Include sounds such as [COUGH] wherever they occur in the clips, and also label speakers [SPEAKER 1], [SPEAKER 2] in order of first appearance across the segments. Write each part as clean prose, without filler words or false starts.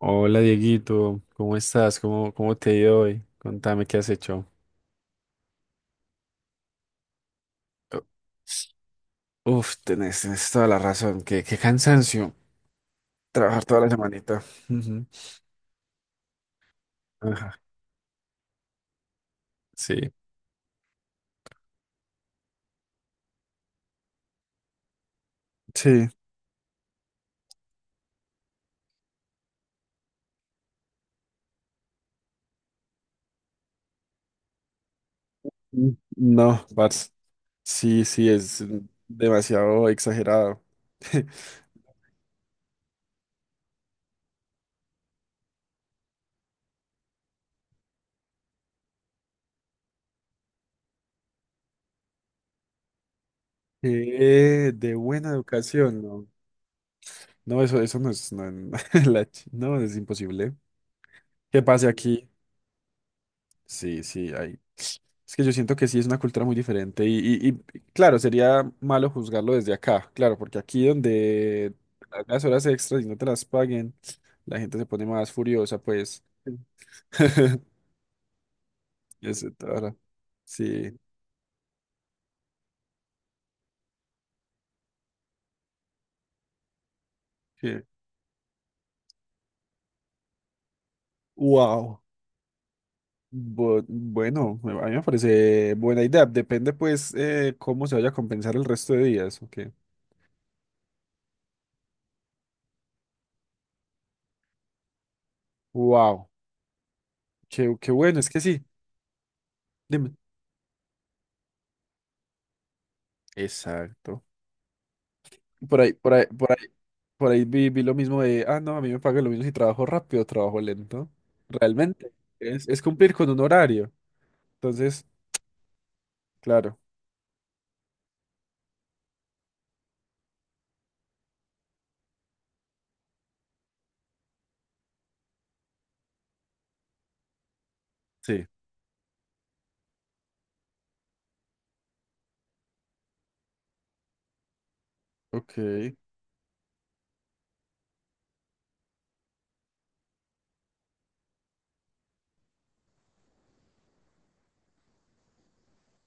[SPEAKER 1] Hola Dieguito, ¿cómo estás? ¿Cómo te ha ido hoy? Contame qué has hecho. Uf, tenés toda la razón. Qué cansancio trabajar toda la semanita. Ujú. Ajá. Sí. Sí. Mm, no, parce. Sí, sí, es demasiado exagerado. [LAUGHS] De buena educación, no. No, eso no es. No, [LAUGHS] No, es imposible. ¿Qué pasa aquí? Sí, sí, hay. Es que yo siento que sí es una cultura muy diferente y, claro, sería malo juzgarlo desde acá, claro, porque aquí donde las horas extras y no te las paguen, la gente se pone más furiosa, pues. Sí. [LAUGHS] Eso, tara. Sí. que- Wow. Bueno, a mí me parece buena idea. Depende, pues, cómo se vaya a compensar el resto de días. Ok. Wow. Qué bueno, es que sí. Dime. Exacto. Por ahí, por ahí, por ahí. Por ahí vi lo mismo de, ah, no, a mí me pagan lo mismo si trabajo rápido o trabajo lento. Realmente, es cumplir con un horario. Entonces, claro, sí, ok,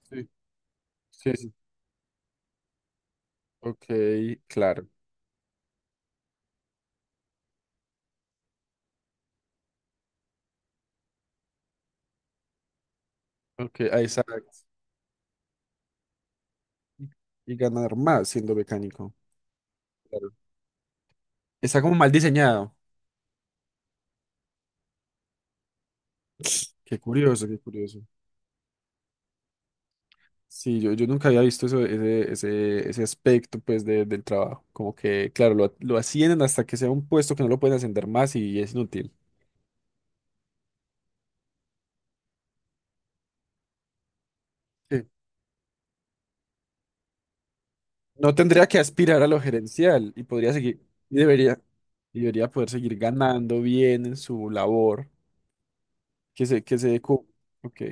[SPEAKER 1] sí, sí, sí, ok, claro, ok, ah, exacto. Y ganar más siendo mecánico. Claro. Está como mal diseñado. Qué curioso, qué curioso. Sí, yo nunca había visto eso, ese aspecto pues del trabajo. Como que, claro, lo ascienden hasta que sea un puesto que no lo pueden ascender más y es inútil. No tendría que aspirar a lo gerencial y podría seguir, y debería, y debería poder seguir ganando bien en su labor. Que se, que se, cu- ok,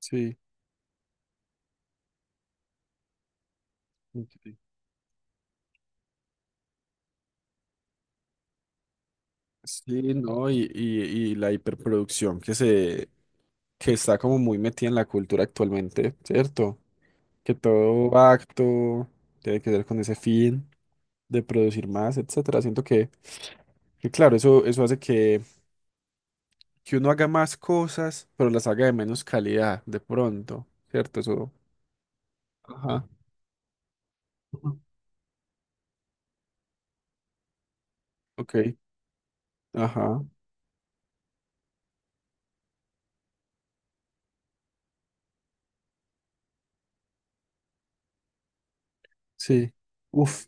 [SPEAKER 1] sí, ok. Sí, no, y la hiperproducción que está como muy metida en la cultura actualmente, ¿cierto? Que todo acto tiene que ver con ese fin de producir más, etcétera. Siento que claro, eso hace que uno haga más cosas, pero las haga de menos calidad, de pronto, ¿cierto? Eso. Ajá. Ujú. Ok, ajá, sí. Uf,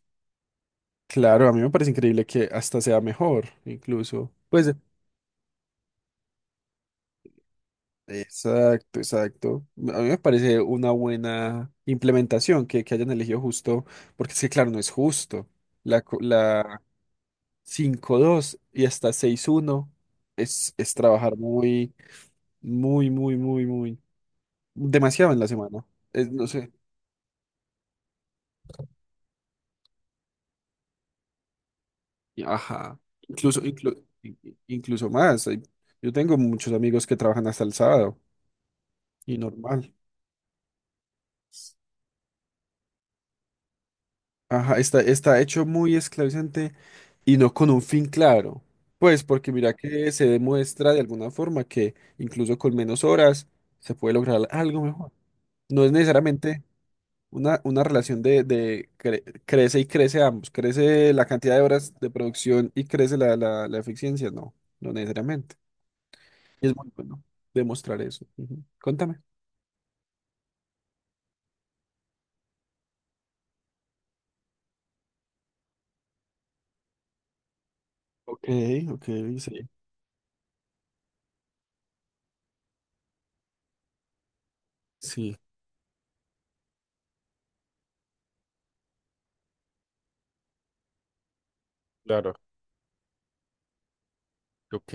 [SPEAKER 1] claro, a mí me parece increíble que hasta sea mejor, incluso. Pues, exacto, exacto. A mí me parece una buena implementación que hayan elegido justo, porque es que, claro, no es justo. La cinco dos y hasta seis uno es trabajar muy, muy, muy, muy, muy, demasiado en la semana. Es, no sé. Ajá. Incluso, incluso más. Yo tengo muchos amigos que trabajan hasta el sábado y normal. Ajá, está hecho muy esclavizante y no con un fin claro. Pues porque mira que se demuestra de alguna forma que incluso con menos horas se puede lograr algo mejor. No es necesariamente una relación de crece y crece ambos. Crece la cantidad de horas de producción y crece la eficiencia. No, no necesariamente. Es muy bueno demostrar eso. Ujú. Contame. Ok, ok, sí. Sí, claro, ok.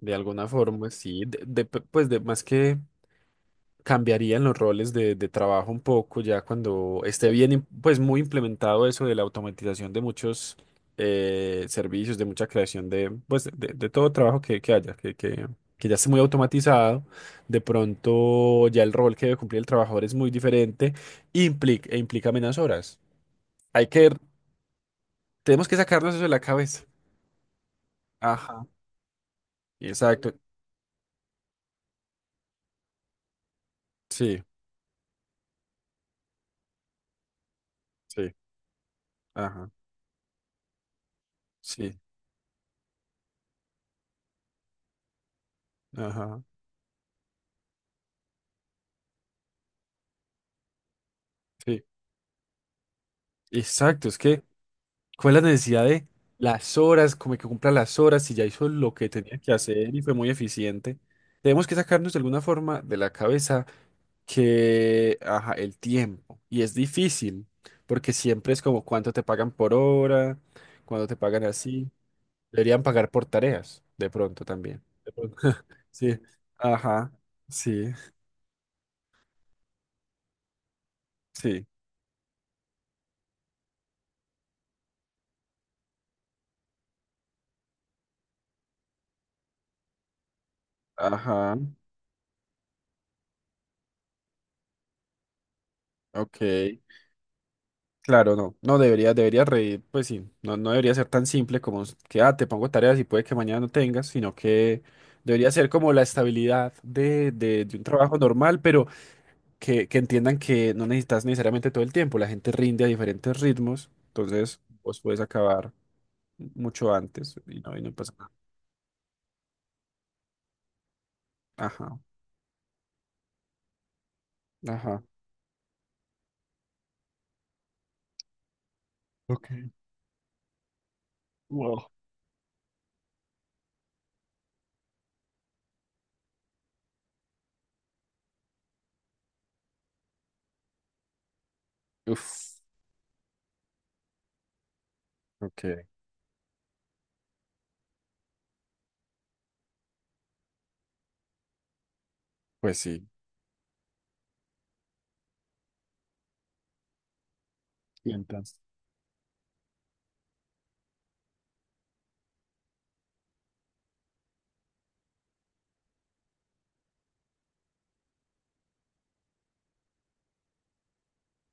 [SPEAKER 1] De alguna forma, sí. Pues de más que cambiarían los roles de trabajo un poco ya cuando esté bien, pues muy implementado eso de la automatización de muchos servicios, de mucha creación de todo trabajo que haya, que ya esté muy automatizado. De pronto ya el rol que debe cumplir el trabajador es muy diferente e implica menos horas. Hay que Tenemos que sacarnos eso de la cabeza. Ajá. Exacto. Sí, sí. Ajá. Sí. Ajá. Sí. Exacto. Es que, ¿cuál es la necesidad de las horas? Como que cumpla las horas y ya hizo lo que tenía que hacer y fue muy eficiente. Tenemos que sacarnos de alguna forma de la cabeza que, ajá, el tiempo. Y es difícil, porque siempre es como cuánto te pagan por hora, cuánto te pagan así. Deberían pagar por tareas, de pronto también. De pronto. [LAUGHS] Sí. Ajá. Sí. Sí, ajá, ok, claro, no, no debería, reír, pues sí, no, no debería ser tan simple como que, ah, te pongo tareas y puede que mañana no tengas, sino que debería ser como la estabilidad de un trabajo normal, pero que entiendan que no necesitas necesariamente todo el tiempo, la gente rinde a diferentes ritmos, entonces vos puedes acabar mucho antes y no pasa nada. Ajá, ajá. Ok, wow. Uf, ok, pues sí. y entonces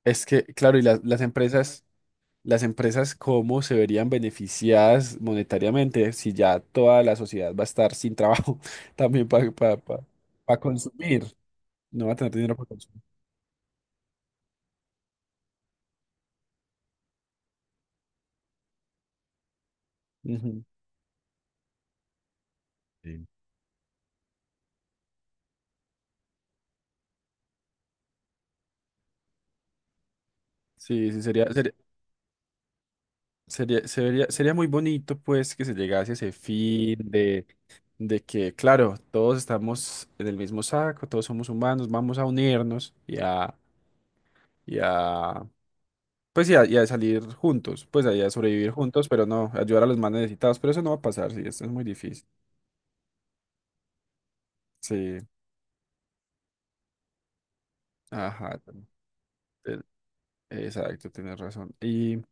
[SPEAKER 1] Es que, claro, y las empresas... Las empresas cómo se verían beneficiadas monetariamente si ya toda la sociedad va a estar sin trabajo [LAUGHS] también para consumir, no va a tener dinero para consumir. Ujú. Sí. Sí, sí, sería muy bonito pues que se llegase a ese fin de que, claro, todos estamos en el mismo saco, todos somos humanos, vamos a unirnos y a, pues y a salir juntos, pues y a sobrevivir juntos, pero no, ayudar a los más necesitados, pero eso no va a pasar, sí, esto es muy difícil. Sí, ajá, te- exacto, tienes razón. Y,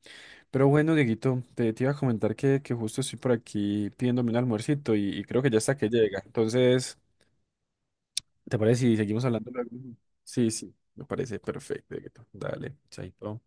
[SPEAKER 1] pero bueno, Dieguito, te iba a comentar que justo estoy por aquí pidiéndome un almuercito y creo que ya está que llega. Entonces, ¿te parece si seguimos hablando luego? Sí, sí, me parece perfecto, Dieguito. Dale, chaito.